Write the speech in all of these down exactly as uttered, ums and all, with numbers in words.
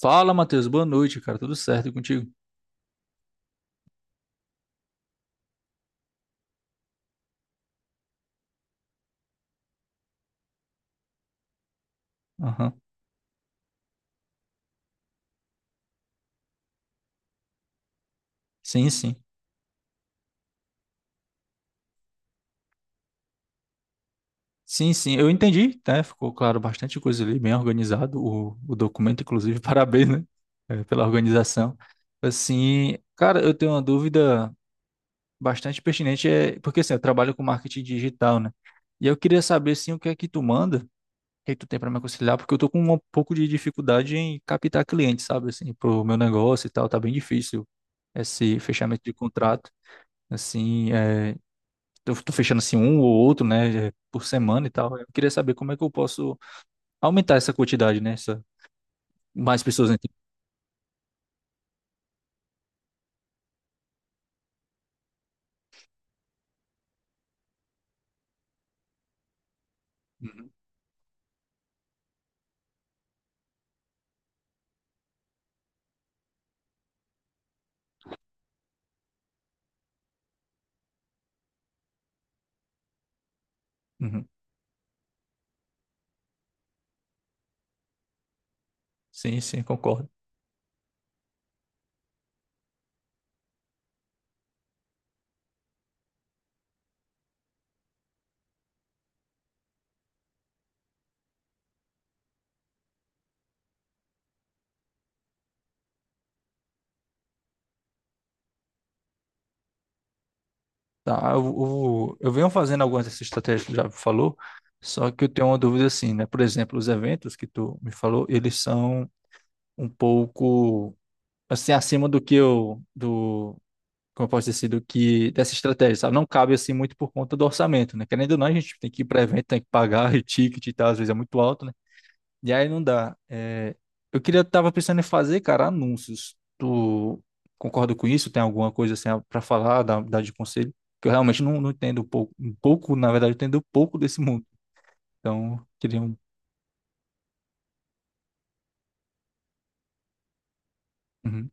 Fala, Matheus. Boa noite, cara. Tudo certo e contigo? Aham. Sim, sim. Sim, sim, eu entendi, né? Ficou claro bastante coisa ali, bem organizado o, o documento, inclusive. Parabéns, né? É, pela organização. Assim, cara, eu tenho uma dúvida bastante pertinente, é, porque assim, eu trabalho com marketing digital, né? E eu queria saber, assim, o que é que tu manda, o que é que tu tem para me aconselhar, porque eu tô com um pouco de dificuldade em captar clientes, sabe? Assim, pro meu negócio e tal, tá bem difícil esse fechamento de contrato. Assim, é, eu tô fechando assim um ou outro, né, eh, por semana e tal. Eu queria saber como é que eu posso aumentar essa quantidade, né? Essa... Mais pessoas entram. Uhum. Uhum. Sim, sim, concordo. Tá, eu, eu, eu venho fazendo algumas dessas estratégias que tu já falou, só que eu tenho uma dúvida assim, né? Por exemplo, os eventos que tu me falou, eles são um pouco assim acima do que eu do como eu posso dizer, assim, do que dessa estratégia, sabe? Não cabe assim muito por conta do orçamento, né? Querendo ou não, a gente tem que ir para evento, tem que pagar e ticket e tal, às vezes é muito alto, né? E aí não dá. É, eu queria, tava pensando em fazer, cara, anúncios. Tu concorda com isso? Tem alguma coisa assim para falar, dar, dar de conselho? Que eu realmente não, não entendo um pouco, um pouco, na verdade, eu entendo um pouco desse mundo. Então, queria um. Uhum,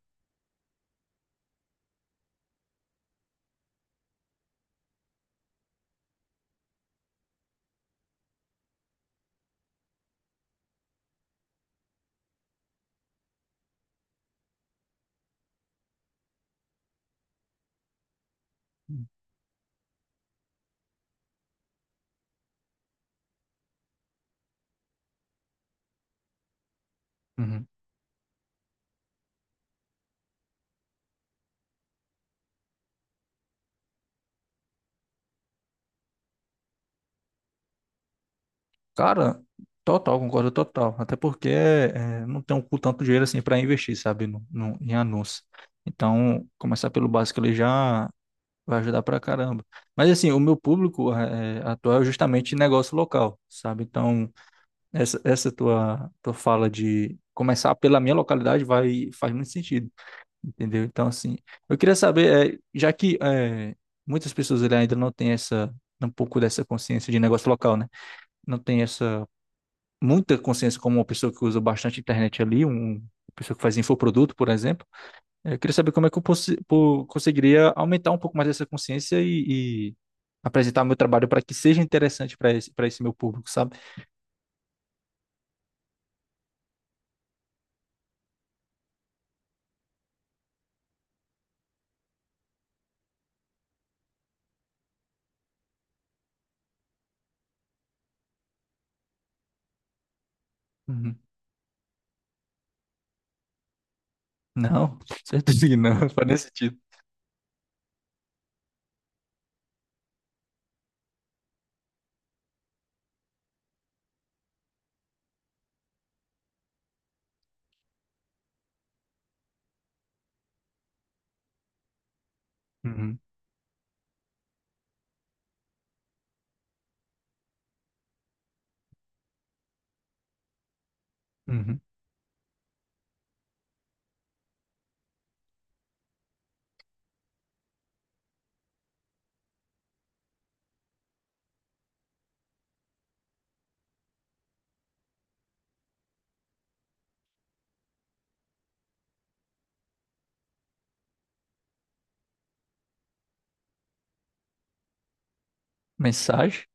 uhum. Cara, total, concordo total. Até porque é, não tenho com tanto dinheiro assim para investir, sabe, no, no- em anúncios. Então, começar pelo básico ele já vai ajudar pra caramba. Mas assim, o meu público é, atual é justamente negócio local, sabe? Então. Essa, essa tua, tua fala de começar pela minha localidade vai, faz muito sentido, entendeu? Então, assim, eu queria saber, é, já que é, muitas pessoas ele ainda não têm essa, um pouco dessa consciência de negócio local, né? Não tem essa, muita consciência como uma pessoa que usa bastante internet ali, um, uma pessoa que faz infoproduto, por exemplo. eh, Eu queria saber como é que eu possi- po- conseguiria aumentar um pouco mais essa consciência e, e apresentar meu trabalho para que seja interessante para esse, para esse meu público, sabe? Uhum. Não, com certeza que não, faz nem sentido. Uhum, uhum. Mensagem?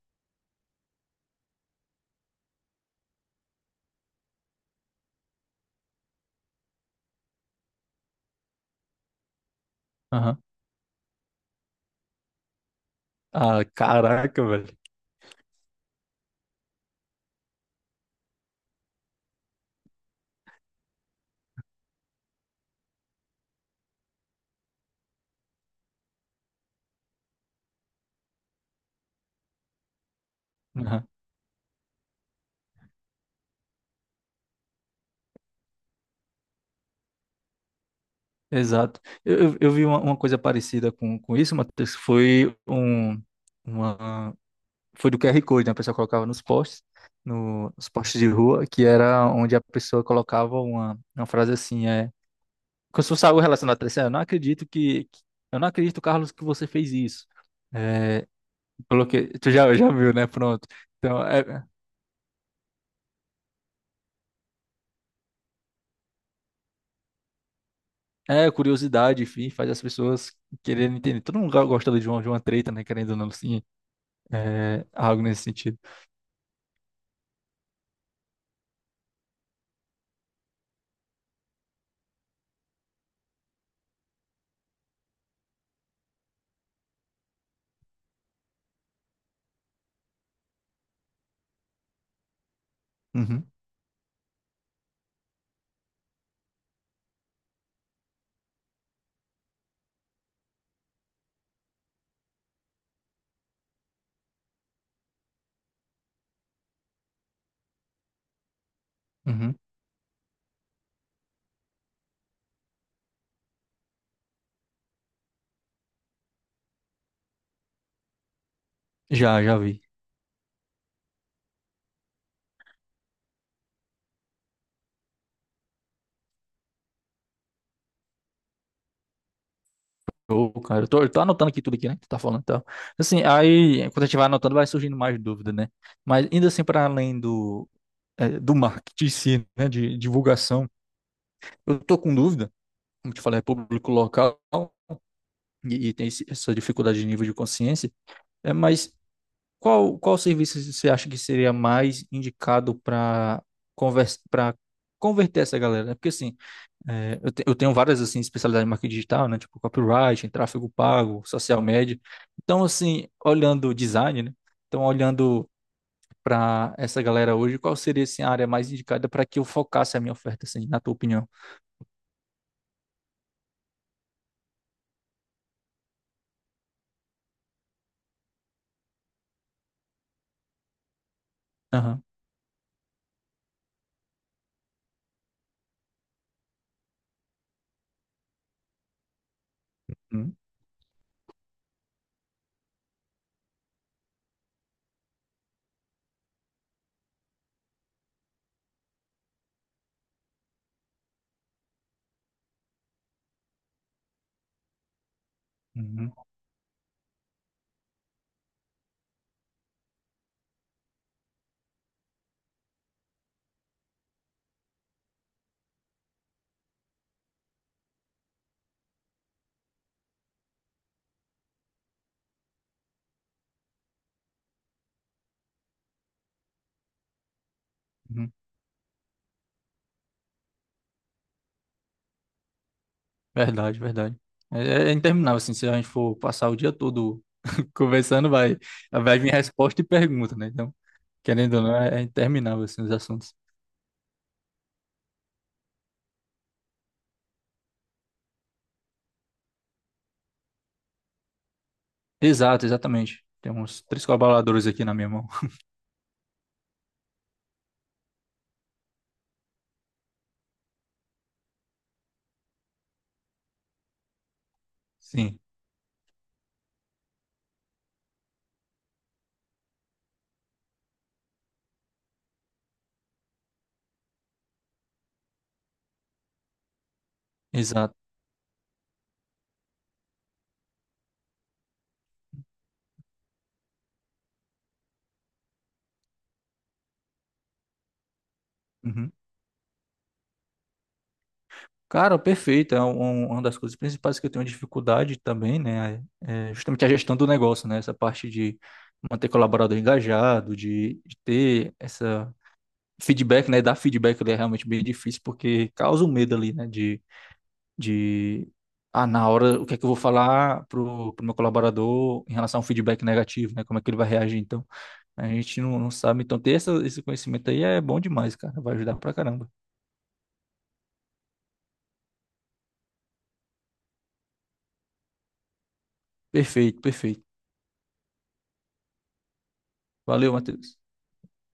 Aham. Ah, caraca, velho. Aham, exato. Eu, eu, eu vi uma, uma coisa parecida com, com isso, Matheus. Foi um, uma, foi do Q R Code, né? A pessoa colocava nos posts, no, nos posts de rua, que era onde a pessoa colocava uma, uma frase assim, é, como se fosse algo relacionado a três: "Ah, eu não acredito que, que- eu não acredito, Carlos, que você fez isso." É, coloquei, tu já, já viu, né? Pronto. Então, é. É, curiosidade, enfim, faz as pessoas quererem entender. Todo mundo gosta de uma, de uma treta, né? Querendo ou não, assim, é, algo nesse sentido. Uhum, uhum. Já, já vi. Ô, cara, eu tô, eu tô anotando aqui tudo aqui, né? Que tu tá falando e tal. Assim, aí, quando a gente vai anotando, vai surgindo mais dúvida, né? Mas ainda assim, para além do, é, do marketing em si, né? De divulgação, eu tô com dúvida, como te falei, é público local e, e tem esse- essa dificuldade de nível de consciência. É, mas qual, qual serviço você acha que seria mais indicado para conversa, para converter essa galera, né? Porque assim, é, eu, te- eu tenho várias assim especialidades em marketing digital, né? Tipo copyright, tráfego pago, social media. Então assim, olhando o design, né? Então olhando para essa galera hoje, qual seria assim, a área mais indicada para que eu focasse a minha oferta, assim, na tua opinião? Aham. Uhum. Uhum. Verdade, verdade. É, é é interminável, assim, se a gente for passar o dia todo conversando, vai, vai vir resposta e pergunta, né? Então, querendo ou não, é, é interminável, assim, os assuntos. Exato, exatamente. Tem uns três colaboradores aqui na minha mão. Sim, exato. Uhum. Cara, perfeito. É um- um, uma das coisas principais que eu tenho dificuldade também, né? É é justamente a gestão do negócio, né? Essa parte de manter colaborador engajado, de, de ter essa feedback, né? Dar feedback ele é realmente bem difícil, porque causa o medo ali, né? De ah, na hora, o que é que eu vou falar pro, pro meu colaborador em relação ao feedback negativo, né? Como é que ele vai reagir, então? A gente não, não sabe. Então, ter essa, esse conhecimento aí é bom demais, cara. Vai ajudar pra caramba. Perfeito, perfeito. Valeu, Matheus.